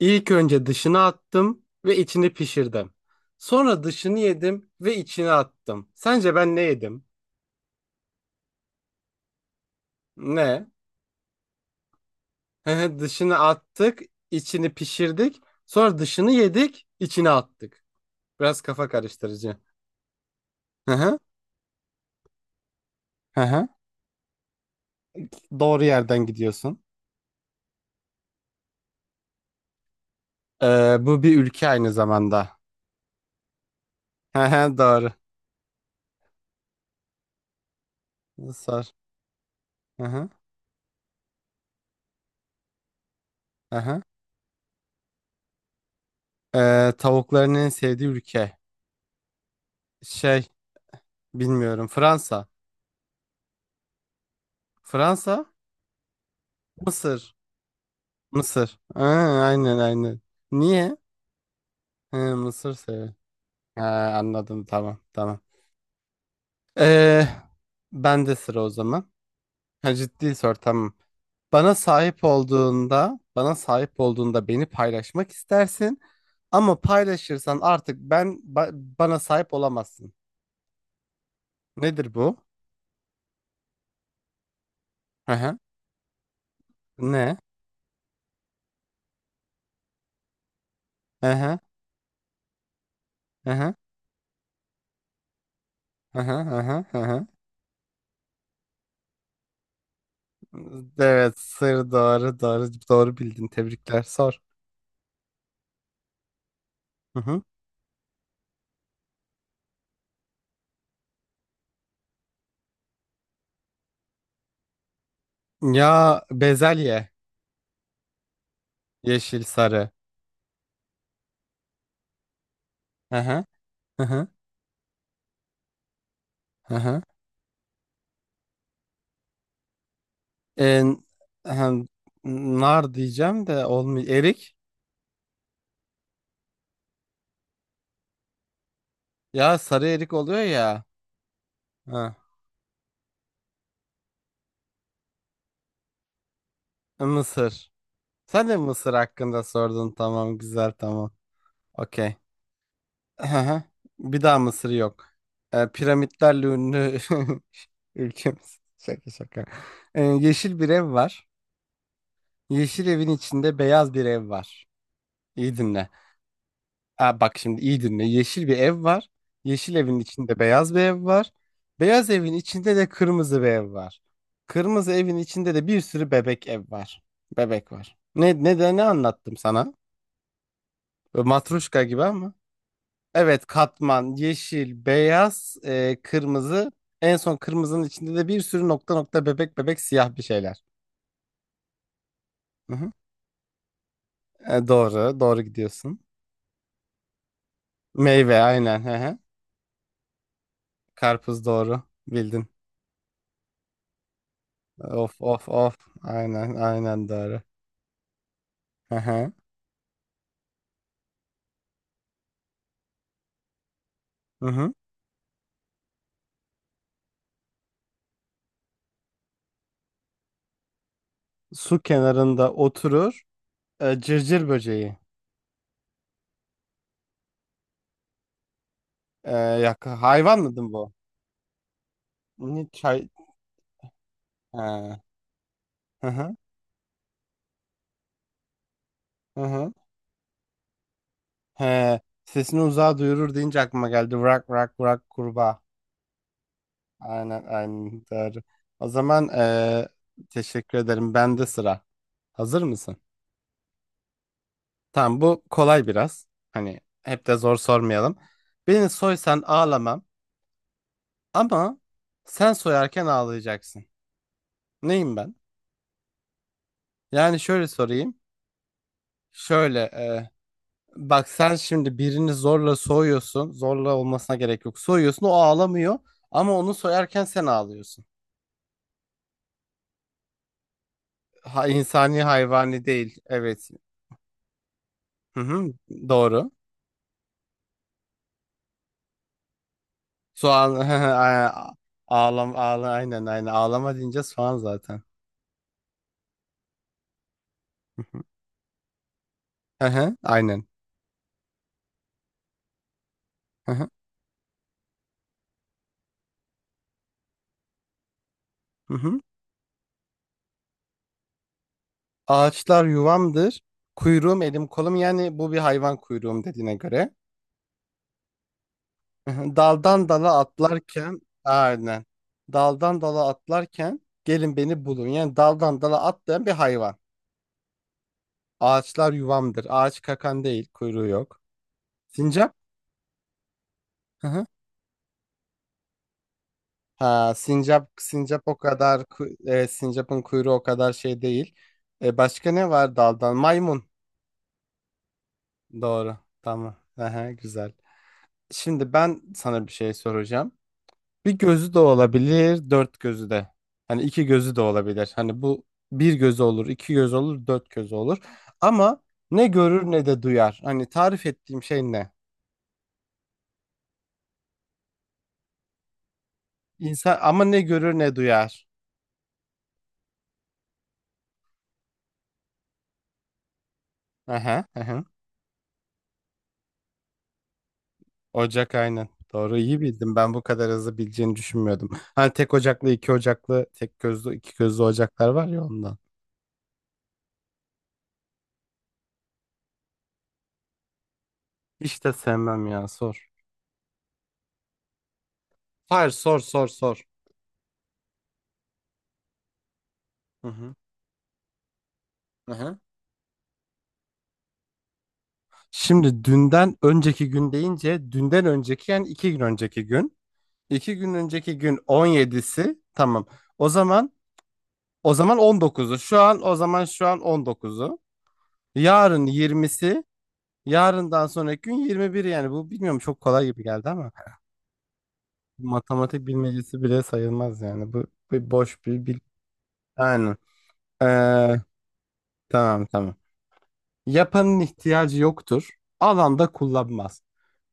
İlk önce dışını attım ve içini pişirdim. Sonra dışını yedim ve içini attım. Sence ben ne yedim? Ne? Dışını attık, içini pişirdik. Sonra dışını yedik, içine attık. Biraz kafa karıştırıcı. Hı hı. Hı hı. Doğru yerden gidiyorsun. Bu bir ülke aynı zamanda. Hı hı, doğru. Sor. Hı hı. Hı hı. Tavukların en sevdiği ülke. Şey, bilmiyorum. Fransa. Fransa? Mısır. Mısır. Aynen aynen. Niye? He, Mısır seviyor. Ha, anladım tamam tamam. Ee, ben de sıra o zaman. Ha, ciddi sor tamam. Bana sahip olduğunda, beni paylaşmak istersin. Ama paylaşırsan artık ben ba- bana sahip olamazsın. Nedir bu? Hı. Ne? Hı hı. Hı hı. Hı. Evet, sır doğru doğru doğru bildin. Tebrikler. Sor. Hı hı. Ya bezelye. Yeşil, sarı. Hı hı. Hı hı. Hı hı. E, hem nar diyeceğim de olmuyor. Erik. Ya sarı erik oluyor ya. Ha. Mısır. Sen de Mısır hakkında sordun. Tamam güzel tamam. Okey. Hı hı. Bir daha Mısır yok. Piramitlerle ünlü ülkemiz. Şaka şaka. Yeşil bir ev var. Yeşil evin içinde beyaz bir ev var. İyi dinle. Bak şimdi iyi dinle. Yeşil bir ev var. Yeşil evin içinde beyaz bir ev var. Beyaz evin içinde de kırmızı bir ev var. Kırmızı evin içinde de bir sürü bebek ev var. Bebek var. Ne anlattım sana? Böyle Matruşka gibi ama. Evet, katman, yeşil, beyaz, kırmızı. En son kırmızının içinde de bir sürü nokta nokta bebek bebek siyah bir şeyler. Hı hı. Doğru, doğru gidiyorsun. Meyve aynen. Hı hı. Karpuz doğru. Bildin. Of of of. Aynen aynen Darı. Hı hı. Hı hı. Su kenarında oturur. Cırcır böceği. Yak hayvan mıydı bu? Ne çay? Ha. Hı hı. Hı hı. He. Sesini uzağa duyurur deyince aklıma geldi. Vrak vrak vrak kurbağa. Aynen aynen Darı. O zaman teşekkür ederim. Bende sıra. Hazır mısın? Tamam bu kolay biraz. Hani hep de zor sormayalım. Beni soysan ağlamam. Ama sen soyarken ağlayacaksın. Neyim ben? Yani şöyle sorayım. Şöyle e, bak sen şimdi birini zorla soyuyorsun. Zorla olmasına gerek yok. Soyuyorsun o ağlamıyor. Ama onu soyarken sen ağlıyorsun. Ha, insani hayvani değil. Evet. Hı hı, doğru. Soğan ağlam ağla aynen aynen ağlama deyince soğan zaten. Hı hı, aynen. Hı hı, hı hı. Ağaçlar yuvamdır. Kuyruğum elim kolum yani bu bir hayvan kuyruğum dediğine göre. Daldan dala atlarken aynen. Daldan dala atlarken gelin beni bulun. Yani daldan dala atlayan bir hayvan. Ağaçlar yuvamdır. Ağaç kakan değil. Kuyruğu yok. Sincap? Hı hı. Ha, sincap o kadar sincapın kuyruğu o kadar şey değil. Başka ne var daldan? Maymun. Doğru. Tamam. Aha, güzel. Şimdi ben sana bir şey soracağım. Bir gözü de olabilir, dört gözü de. Hani iki gözü de olabilir. Hani bu bir gözü olur, iki göz olur, dört gözü olur. Ama ne görür ne de duyar. Hani tarif ettiğim şey ne? İnsan ama ne görür ne duyar. Aha, aha. Ocak aynen. Doğru iyi bildim. Ben bu kadar hızlı bileceğini düşünmüyordum. Hani tek ocaklı, iki ocaklı, tek gözlü, iki gözlü ocaklar var ya ondan. Hiç de sevmem ya sor. Hayır sor sor. Hı hı. Aha. Şimdi dünden önceki gün deyince dünden önceki yani iki gün önceki gün. İki gün önceki gün 17'si tamam. O zaman o zaman 19'u. Şu an 19'u. Yarın 20'si. Yarından sonraki gün 21 yani bu bilmiyorum çok kolay gibi geldi ama matematik bilmecesi bile sayılmaz yani bu bir boş bir bil yani. Ee, tamam. Yapanın ihtiyacı yoktur. Alan da kullanmaz.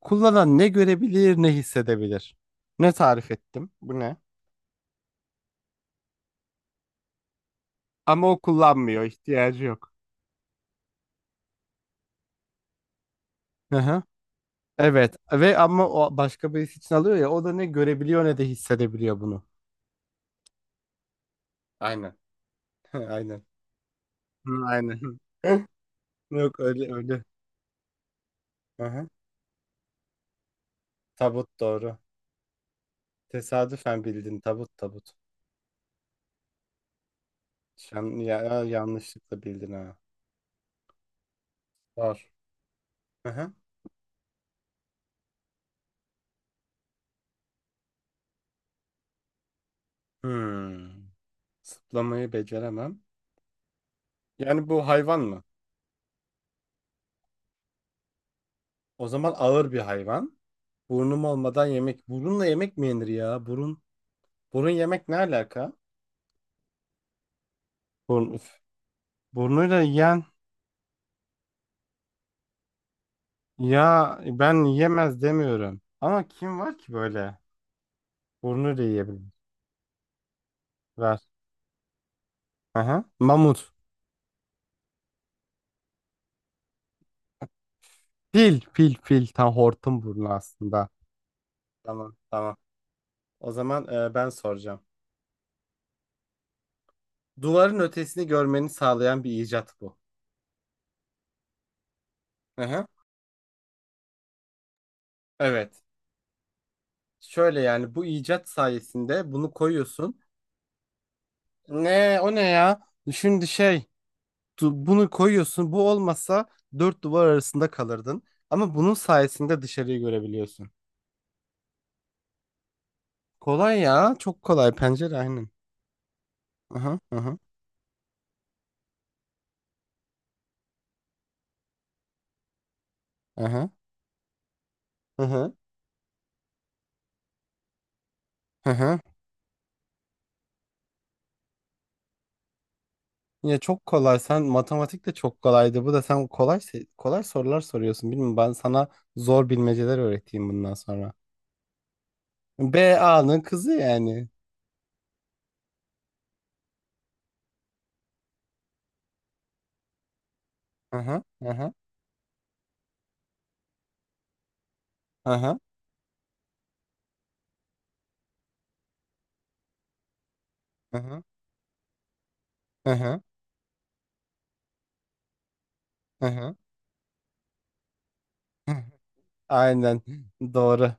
Kullanan ne görebilir ne hissedebilir. Ne tarif ettim? Bu ne? Ama o kullanmıyor, ihtiyacı yok. Hı hı. Evet ve ama o başka birisi için alıyor ya o da ne görebiliyor ne de hissedebiliyor bunu. Aynen. Aynen. Hı, aynen. Yok öyle öyle. Hı hı. Tabut doğru. Tesadüfen bildin tabut. Yanlışlıkla bildin ha. Var. Hı hı. Hmm. Zıplamayı beceremem. Yani bu hayvan mı? O zaman ağır bir hayvan. Burnum olmadan yemek. Burunla yemek mi yenir ya? Burun. Burun yemek ne alaka? Burun. Üf. Burnuyla yiyen. Ya ben yemez demiyorum. Ama kim var ki böyle? Burnuyla yiyebilir. Ver. Aha. Mamut. Fil. Fil. Fil. Tam hortum burnu aslında. Tamam. Tamam. O zaman ben soracağım. Duvarın ötesini görmeni sağlayan bir icat bu. Aha. Evet. Şöyle yani bu icat sayesinde bunu koyuyorsun. Ne o ne ya? Bunu koyuyorsun bu olmasa dört duvar arasında kalırdın. Ama bunun sayesinde dışarıyı görebiliyorsun. Kolay ya çok kolay pencere aynen. Aha aha aha aha aha. Ya çok kolay sen matematik de çok kolaydı. Bu da sen kolay sorular soruyorsun. Bilmiyorum ben sana zor bilmeceler öğreteyim bundan sonra. BA'nın kızı yani. Aha aha aha aha aha aha. Aynen doğru.